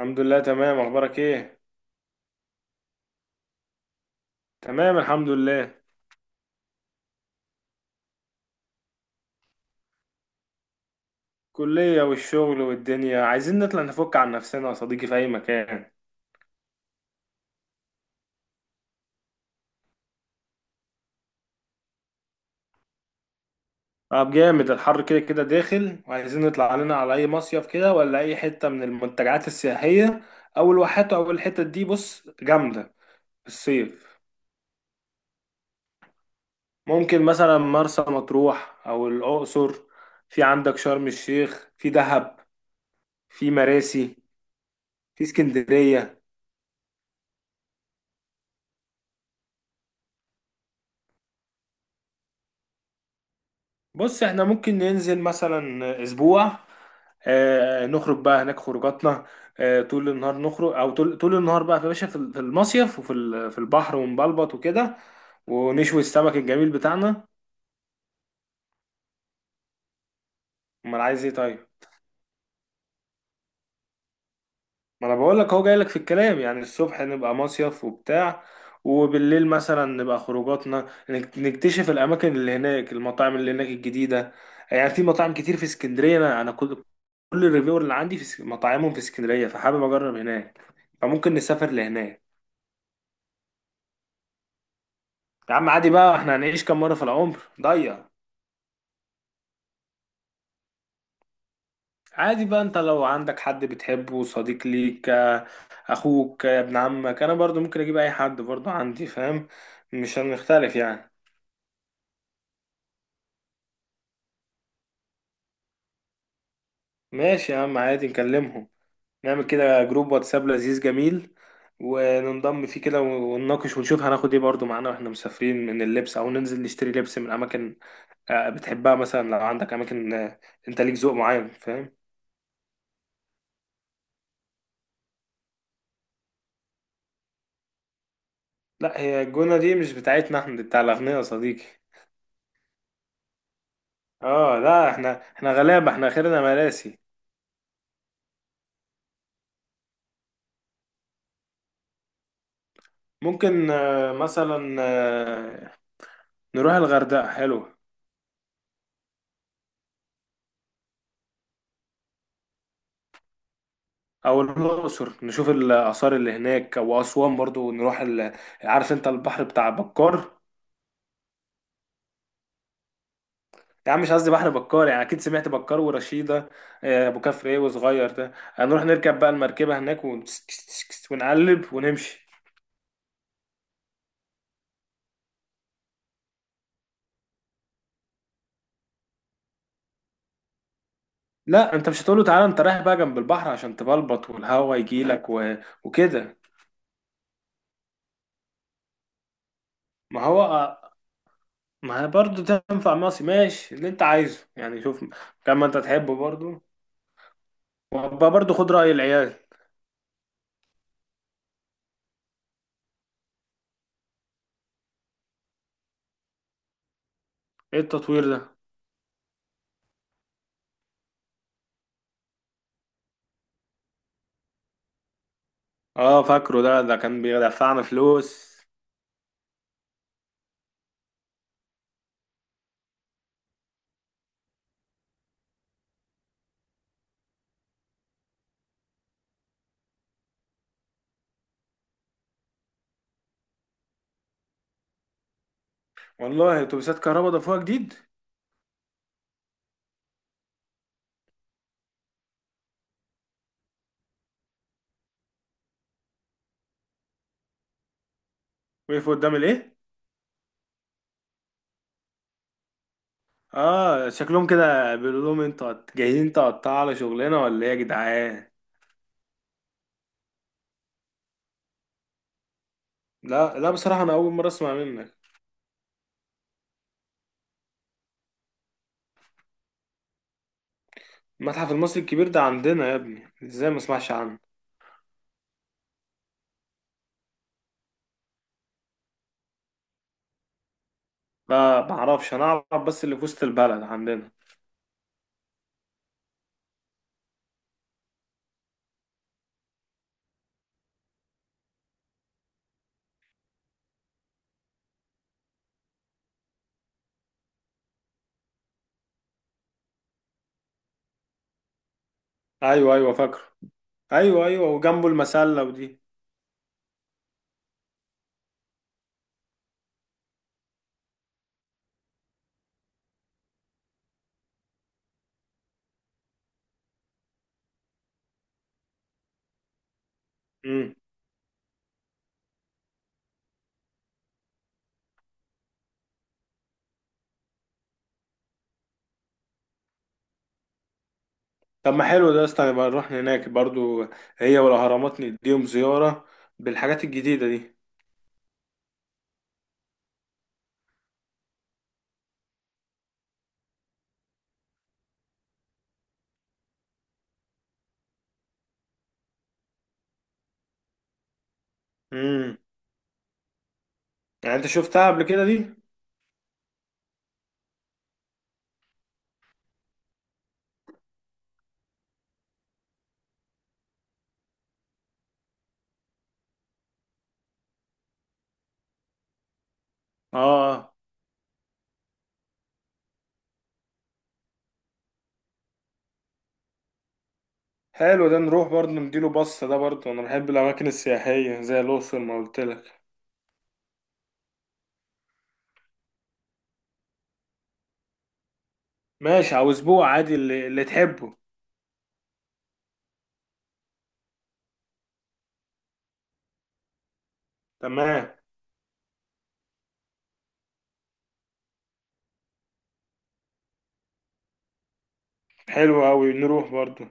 الحمد لله تمام. اخبارك ايه؟ تمام الحمد لله. كلية والشغل والدنيا، عايزين نطلع نفك عن نفسنا يا صديقي في اي مكان. طب جامد، الحر كده كده داخل وعايزين نطلع علينا على اي مصيف كده ولا اي حتة من المنتجعات السياحية او الواحات او الحتة دي بص جامدة في الصيف. ممكن مثلا مرسى مطروح او الاقصر، في عندك شرم الشيخ، في دهب، في مراسي، في اسكندرية. بص احنا ممكن ننزل مثلا اسبوع، نخرج بقى هناك خروجاتنا. طول النهار نخرج، او طول النهار بقى في باشا، في المصيف وفي في البحر ونبلبط وكده، ونشوي السمك الجميل بتاعنا. امال عايز ايه طيب؟ ما انا بقول لك هو جاي لك في الكلام، يعني الصبح نبقى مصيف وبتاع، وبالليل مثلا نبقى خروجاتنا نكتشف الاماكن اللي هناك، المطاعم اللي هناك الجديده. يعني في مطاعم كتير في اسكندريه، انا كل كل الريفيور اللي عندي في مطاعمهم في اسكندريه، فحابب اجرب هناك، فممكن نسافر لهناك. يا عم عادي بقى، احنا هنعيش كام مره في العمر؟ ضيع. عادي بقى، انت لو عندك حد بتحبه صديق ليك اخوك، ابن عمك، انا برضو ممكن اجيب اي حد برضو عندي، فاهم؟ مش هنختلف يعني. ماشي يا عم، عادي نكلمهم. نعمل كده جروب واتساب لذيذ جميل، وننضم فيه كده ونناقش ونشوف هناخد ايه برضو معانا واحنا مسافرين من اللبس، او ننزل نشتري لبس من اماكن بتحبها. مثلا لو عندك اماكن، انت ليك ذوق معين، فاهم. لا، هي الجونة دي مش بتاعتنا احنا، دي بتاع الاغنياء يا صديقي. اه لا، احنا غلابة، احنا خيرنا مراسي. ممكن مثلا نروح الغردقة، حلو. او الاقصر نشوف الاثار اللي هناك، او اسوان برضو نروح ال... عارف انت البحر بتاع بكار؟ يا عم مش قصدي بحر بكار، يعني اكيد سمعت بكار ورشيده. ابو كفر ايه وصغير ده، هنروح نركب بقى المركبه هناك ون... ونقلب ونمشي. لا انت مش هتقول له تعالى، انت رايح بقى جنب البحر عشان تبلبط والهوا يجيلك و... وكده. ما هو، ما هي برضه تنفع مصي، ماشي اللي انت عايزه يعني، شوف كما انت تحبه برضه. وبقى برضه خد رأي العيال. ايه التطوير ده؟ اه فاكره، ده ده كان بيدفعنا فلوس. والله اتوبيسات كهرباء ضافوها جديد! وقفوا قدام الايه؟ اه شكلهم كده بيقولوا لهم انتوا جايين تقطعوا على شغلنا ولا ايه يا جدعان. لا لا، بصراحه انا اول مره اسمع منك. المتحف المصري الكبير ده عندنا يا ابني، ازاي ما اسمعش عنه؟ لا ما اعرفش، انا اعرف بس اللي في وسط البلد عندنا. ايوه ايوه فاكره. ايوه ايوه، وجنبه المسله ودي. امم. طب ما حلو ده يا اسطى، نبقى نروح هناك برضو. هي والاهرامات نديهم زياره بالحاجات الجديده دي. امم. يعني انت شفتها قبل كده دي؟ اه حلو ده، نروح برضه نديله بصة، ده برضه انا بحب الاماكن السياحية زي الاقصر ما قلت لك. ماشي، او اسبوع، عادي اللي تحبه. تمام. حلو اوي، نروح برضه.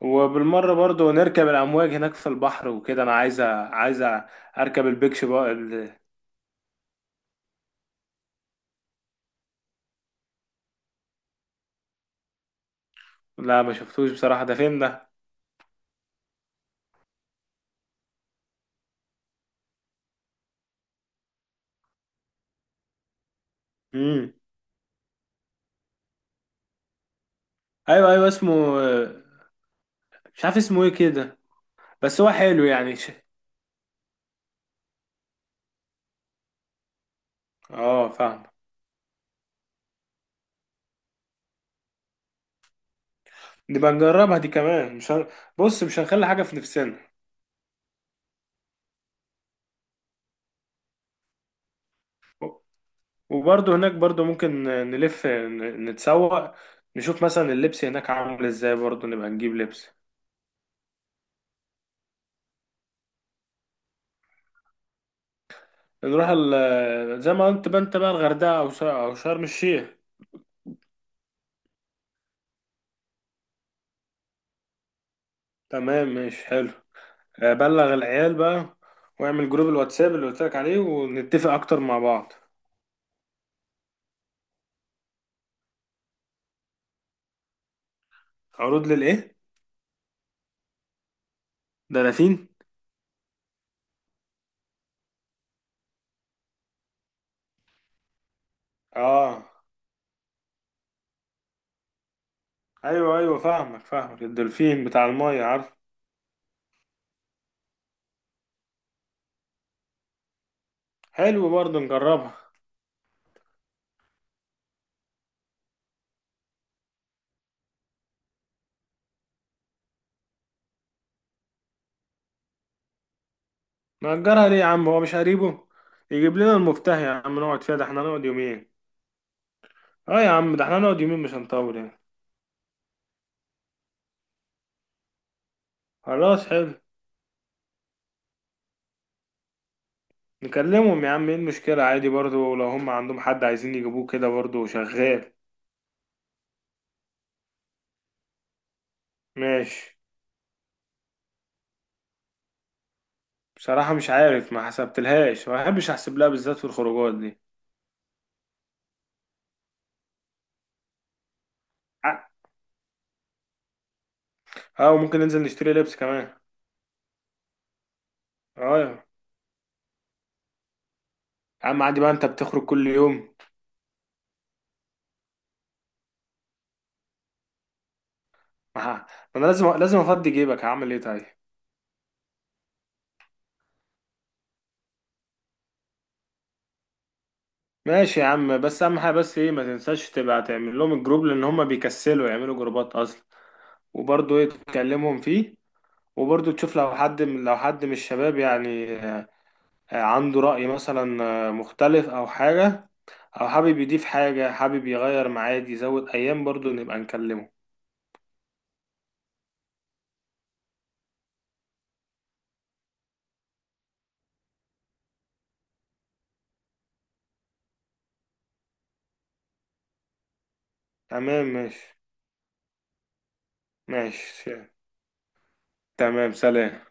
وبالمرة برضه نركب الامواج هناك في البحر وكده، انا عايز عايز اركب البيكش بقى لا ما شفتوش بصراحة، ده فين ده؟ امم. ايوه ايوه اسمه. مش عارف اسمه ايه كده. بس هو حلو يعني ش... اه فاهم. نبقى نجربها دي كمان، مش هن... بص مش هنخلي حاجة في نفسنا. وبرضه هناك برضه ممكن نلف نتسوق، نشوف مثلا اللبس هناك عامل ازاي، برضه نبقى نجيب لبس. نروح ال... زي ما انت بقى، انت بقى الغردقة او او شرم الشيخ. تمام، ماشي، حلو. بلغ العيال بقى، واعمل جروب الواتساب اللي قلت لك عليه، ونتفق اكتر مع بعض. عروض للايه؟ دلافين؟ اه ايوه ايوه، فاهمك الدولفين بتاع المايه، عارف. حلو برضه نجربها. نأجرها ليه يا عم، هو مش قريبه؟ يجيب لنا المفتاح يا عم، نقعد فيها، ده احنا نقعد يومين. اه يا عم ده احنا نقعد يومين، مش هنطول يعني. خلاص حلو. نكلمهم يا عم، ايه المشكلة؟ عادي برضو لو هم عندهم حد عايزين يجيبوه كده برضو شغال. ماشي. بصراحة مش عارف، ما حسبتلهاش، ما بحبش احسب لها بالذات في الخروجات دي. ع- اه، وممكن ننزل نشتري لبس كمان. اه يا عم عادي بقى، انت بتخرج كل يوم. ما انا لازم افضي جيبك، هعمل ايه طيب. ماشي يا عم، بس اهم حاجه بس ايه، ما تنساش تبقى تعمل لهم الجروب، لان هم بيكسلوا يعملوا جروبات اصلا، وبرضه ايه تكلمهم فيه. وبرضه تشوف لو حد من، لو حد من الشباب يعني عنده رأي مثلا مختلف او حاجه، او حابب يضيف حاجه، حابب يغير ميعاد يزود ايام، برضه نبقى نكلمه. تمام ماشي. ماشي تمام، سلام.